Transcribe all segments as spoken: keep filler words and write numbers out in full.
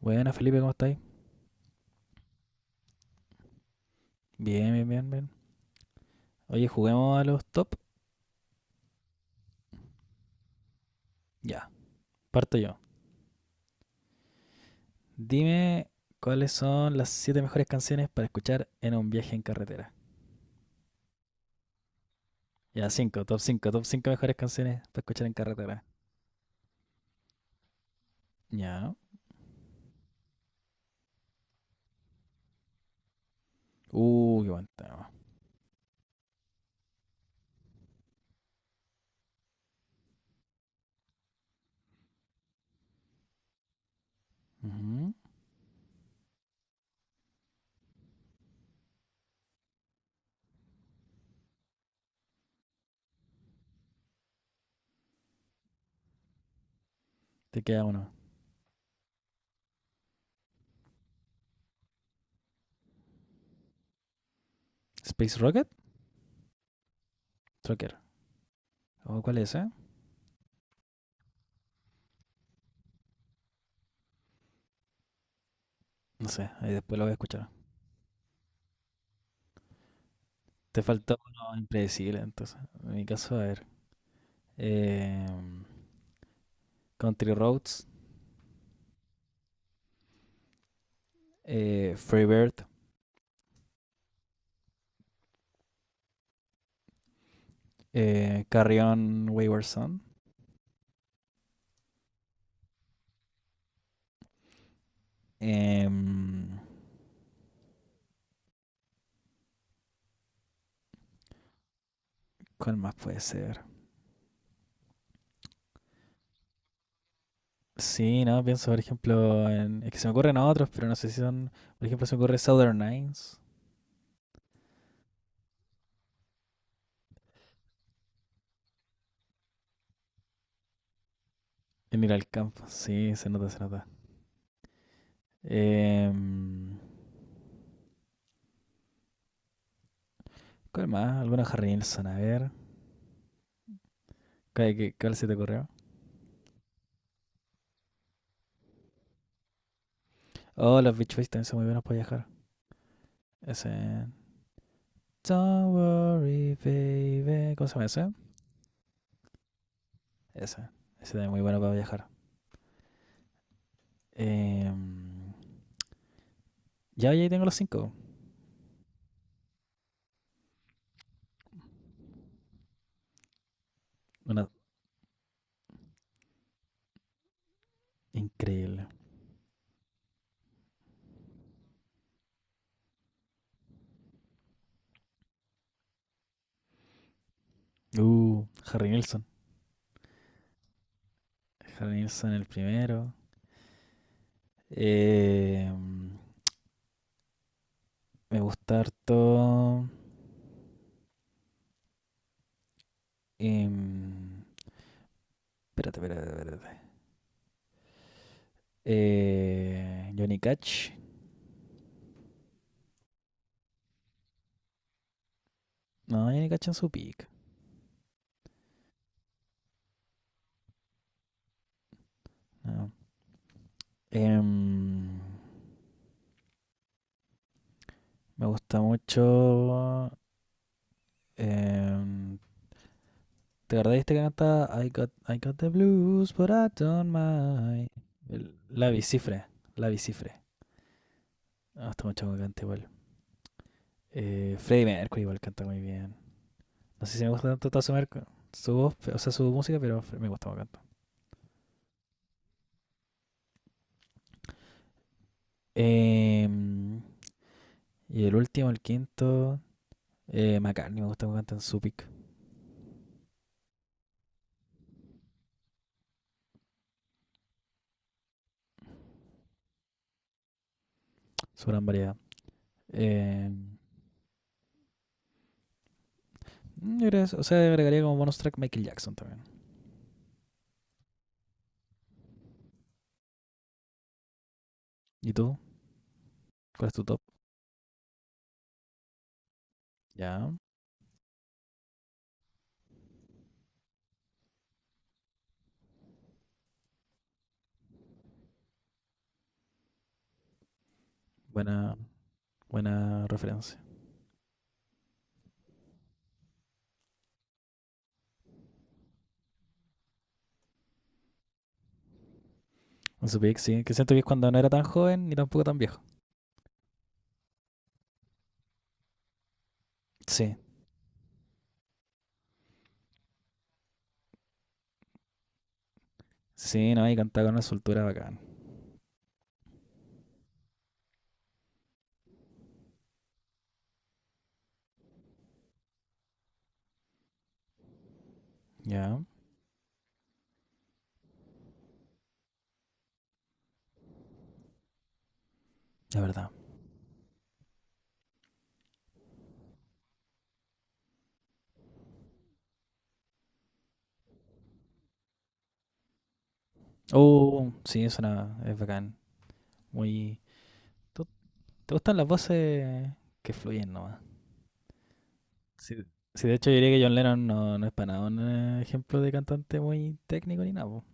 Buena, Felipe, ¿cómo estáis? Bien, bien, bien, bien. Oye, juguemos a los top. Ya, parto yo. Dime cuáles son las siete mejores canciones para escuchar en un viaje en carretera. Ya, cinco top cinco top cinco mejores canciones para escuchar en carretera. Ya. Uh, qué buen tema. Ujú. Te queda uno. Space Rocket, Trucker. ¿O cuál es ese? No sé, ahí después lo voy a escuchar. Te faltó uno impredecible, entonces. En mi caso, a ver. Eh, Country Roads, eh, Free Bird, eh, Carrion Wayward Son. Em, ¿Cuál más puede ser? Sí, no, pienso, por ejemplo, en. Es que se me ocurren otros, pero no sé si son. Por ejemplo, se me ocurre Southern Nines. En ir al campo. Sí, se nota, se nota. Em, ¿Cuál más? Alguna Harry Nilsson, a ver. ¿Cuál, qué- cuál se te ocurrió? Oh, los Beach Boys también son muy buenos para viajar. Ese. Don't worry, baby. ¿Cómo se llama ese? Ese. Ese también es muy bueno para viajar. Em, ya, ya ahí tengo los cinco. Una, Increíble. Uh, Harry Nilsson. Harry Nilsson el primero. Eh, me gusta harto. em, espérate, espérate, espérate. Eh, Johnny Cash. No, Johnny Cash en su pick. No. Em, me gusta mucho. em, ¿te acordás de este que canta I got, I got the blues, but I don't mind? El- La Bicifre. La Bicifre. Me mucho que cante igual. Eh, Freddie Mercury igual canta muy bien. No sé si me gusta tanto toda su, merc- su voz, o sea, su música, pero me gusta cómo canta. Em, y el último, el quinto, eh, McCartney me gusta cómo canta en su pick, su gran variedad. Em, mm, o sea, agregaría como bonus track Michael Jackson también. ¿Y tú? ¿Cuál es tu top? Ya, buena, buena referencia. En su pick, sí, que siento que es cuando no era tan joven ni tampoco tan viejo. Sí, sí, no, y cantaba con una soltura bacán. Ya, la verdad. Oh, sí, suena, es bacán. Muy. ¿Tú- ¿Te gustan las voces que fluyen nomás? Sí, sí, de hecho yo diría que John Lennon no, no es para nada un eh, ejemplo de cantante muy técnico ni nada, po.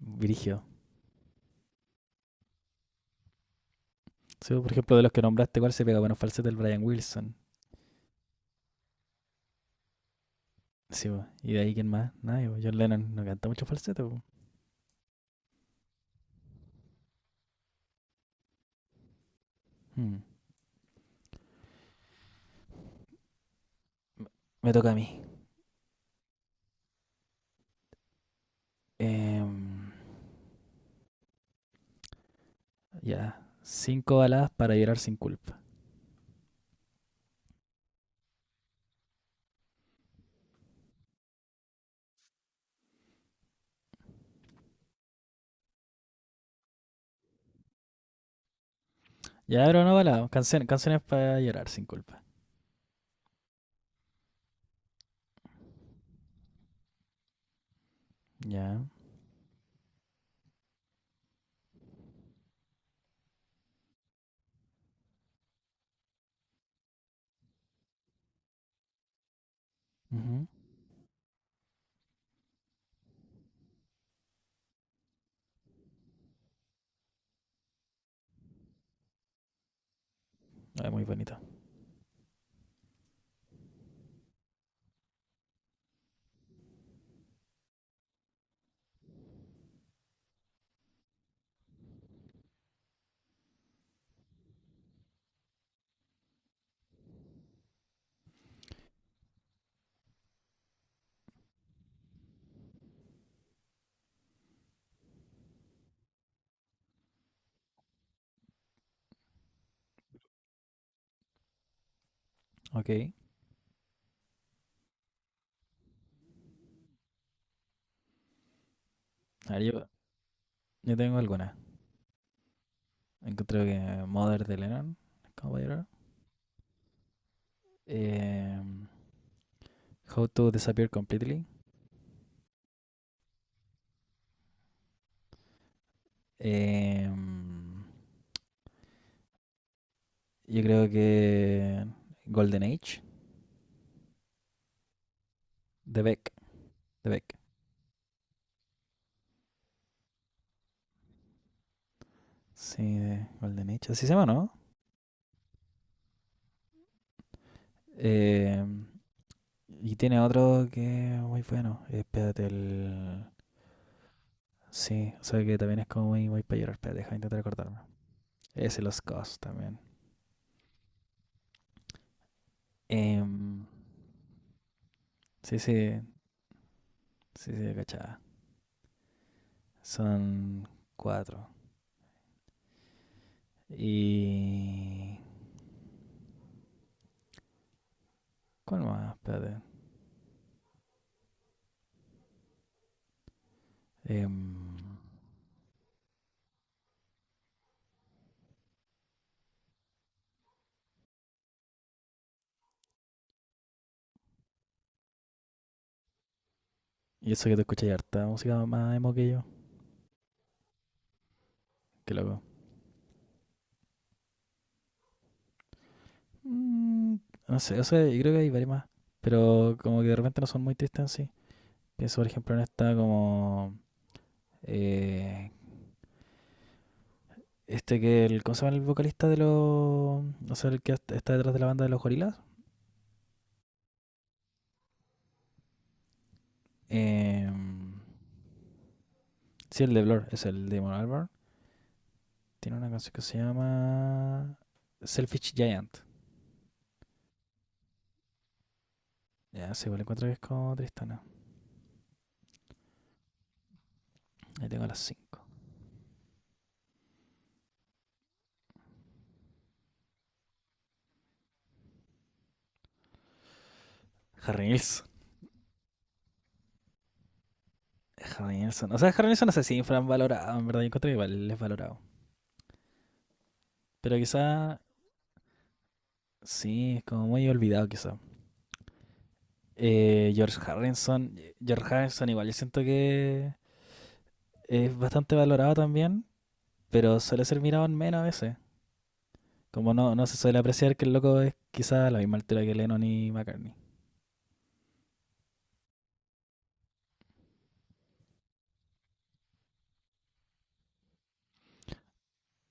Brígido. Sí, por ejemplo, de los que nombraste, ¿cuál se pega? Bueno, falsete el Brian Wilson. Sí, po. ¿Y de ahí quién más? Nadie, po. John Lennon no canta mucho falsete, po. Hmm. Me- toca a mí. Em, ya. Cinco baladas para llorar sin culpa. Ya, pero no baladas. Canciones, canciones para llorar sin culpa. Ya. Ujú. Ah, muy bonito. Ok. A ver, yo, Yo tengo algunas. Encontré que Mother de Lennon, Caballero. Eh, How to Disappear Completely. Eh, yo creo que Golden Age, de Beck. De Beck. Sí, de Golden Age. Así se llama, ¿no? Eh, y tiene otro que es muy bueno. Espérate, el. Sí, o sea que también es como muy, muy para llorar. Espérate, deja de intentar acordarme. Ese Los Cos también. Em, sí, sí, sí, sí, cachada. Son cuatro. Y. ¿Cuál más? Espérate. Em, y eso que te escuché harta música más emo que yo. Qué loco. Mm, no sé, o sea, yo creo que hay varias más. Pero como que de repente no son muy tristes en sí. Pienso, por ejemplo, en esta como. eh, este que el. ¿Cómo se llama el vocalista de los. O sea, el que está detrás de la banda de los gorilas? Em, sí, el de Blur, es el de Damon Albarn. Tiene una canción que se llama. Selfish Giant. Ya, sí, igual encuentro que es como tristana. Ahí tengo las cinco. Harry Nilsson. Harry Nilsson. O sea, Harry Nilsson no sé si infravalorado, en verdad. Yo encontré que igual es valorado. Pero quizá, sí, es como muy olvidado quizá. Eh, George Harrison. George Harrison igual yo siento que es bastante valorado también. Pero suele ser mirado en menos a veces. Como no, no se suele apreciar que el loco es quizá a la misma altura que Lennon y McCartney.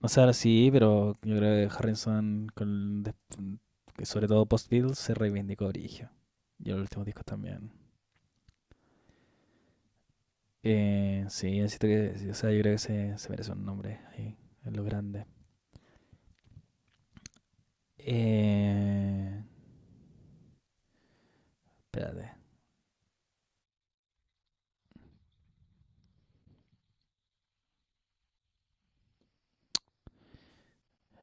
O sea, sí, pero yo creo que Harrison, con, des- sobre todo post-Beatles, se reivindicó origen. Y los últimos discos también. Eh, sí, siento que, sí, o sea, yo creo que se, se merece un nombre ahí, en lo grande. Eh, espérate.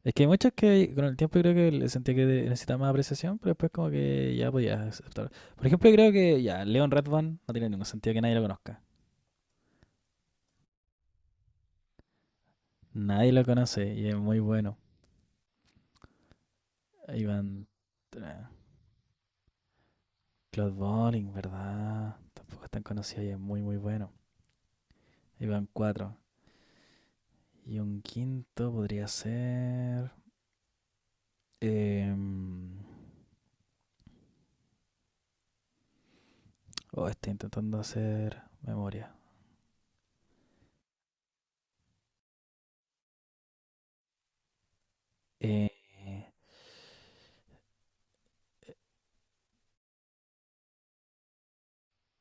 Es que hay muchos que con el tiempo yo creo que le sentía que de- necesitaba más apreciación, pero después como que ya podía aceptar. Por ejemplo, yo creo que ya Leon Redbone no tiene ningún sentido que nadie lo conozca. Nadie lo conoce y es muy bueno. Iván tra- Claude Bolling, ¿verdad? Tampoco es tan conocido y es muy muy bueno. Iván cuatro. Y un quinto podría ser... Eh, Oh, estoy intentando hacer memoria. Eh,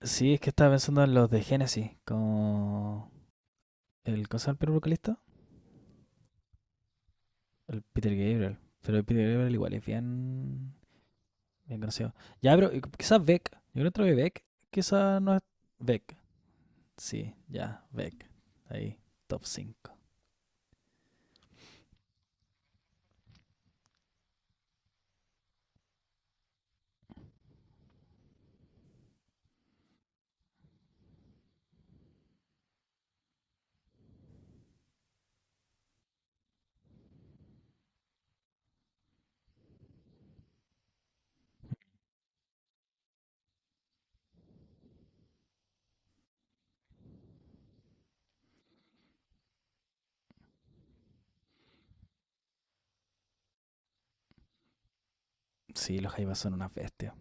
sí, es que estaba pensando en los de Genesis, con el ¿cómo se llama el primer vocalista? El Peter Gabriel. Pero el Peter Gabriel igual es bien, bien conocido. Ya, pero eh, quizás Beck. Yo creo que Beck, quizás no es Beck. Sí, ya, Beck. Ahí, top cinco. Sí, los Jaivas son unas bestias.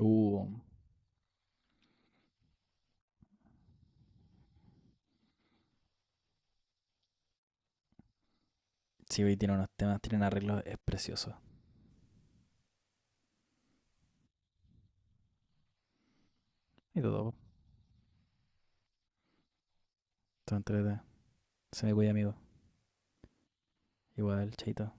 Uh, sí, hoy tienen unos temas, tienen arreglos, es precioso. Y todo, todo entrete. Se me cuida, amigo. Igual, chaito.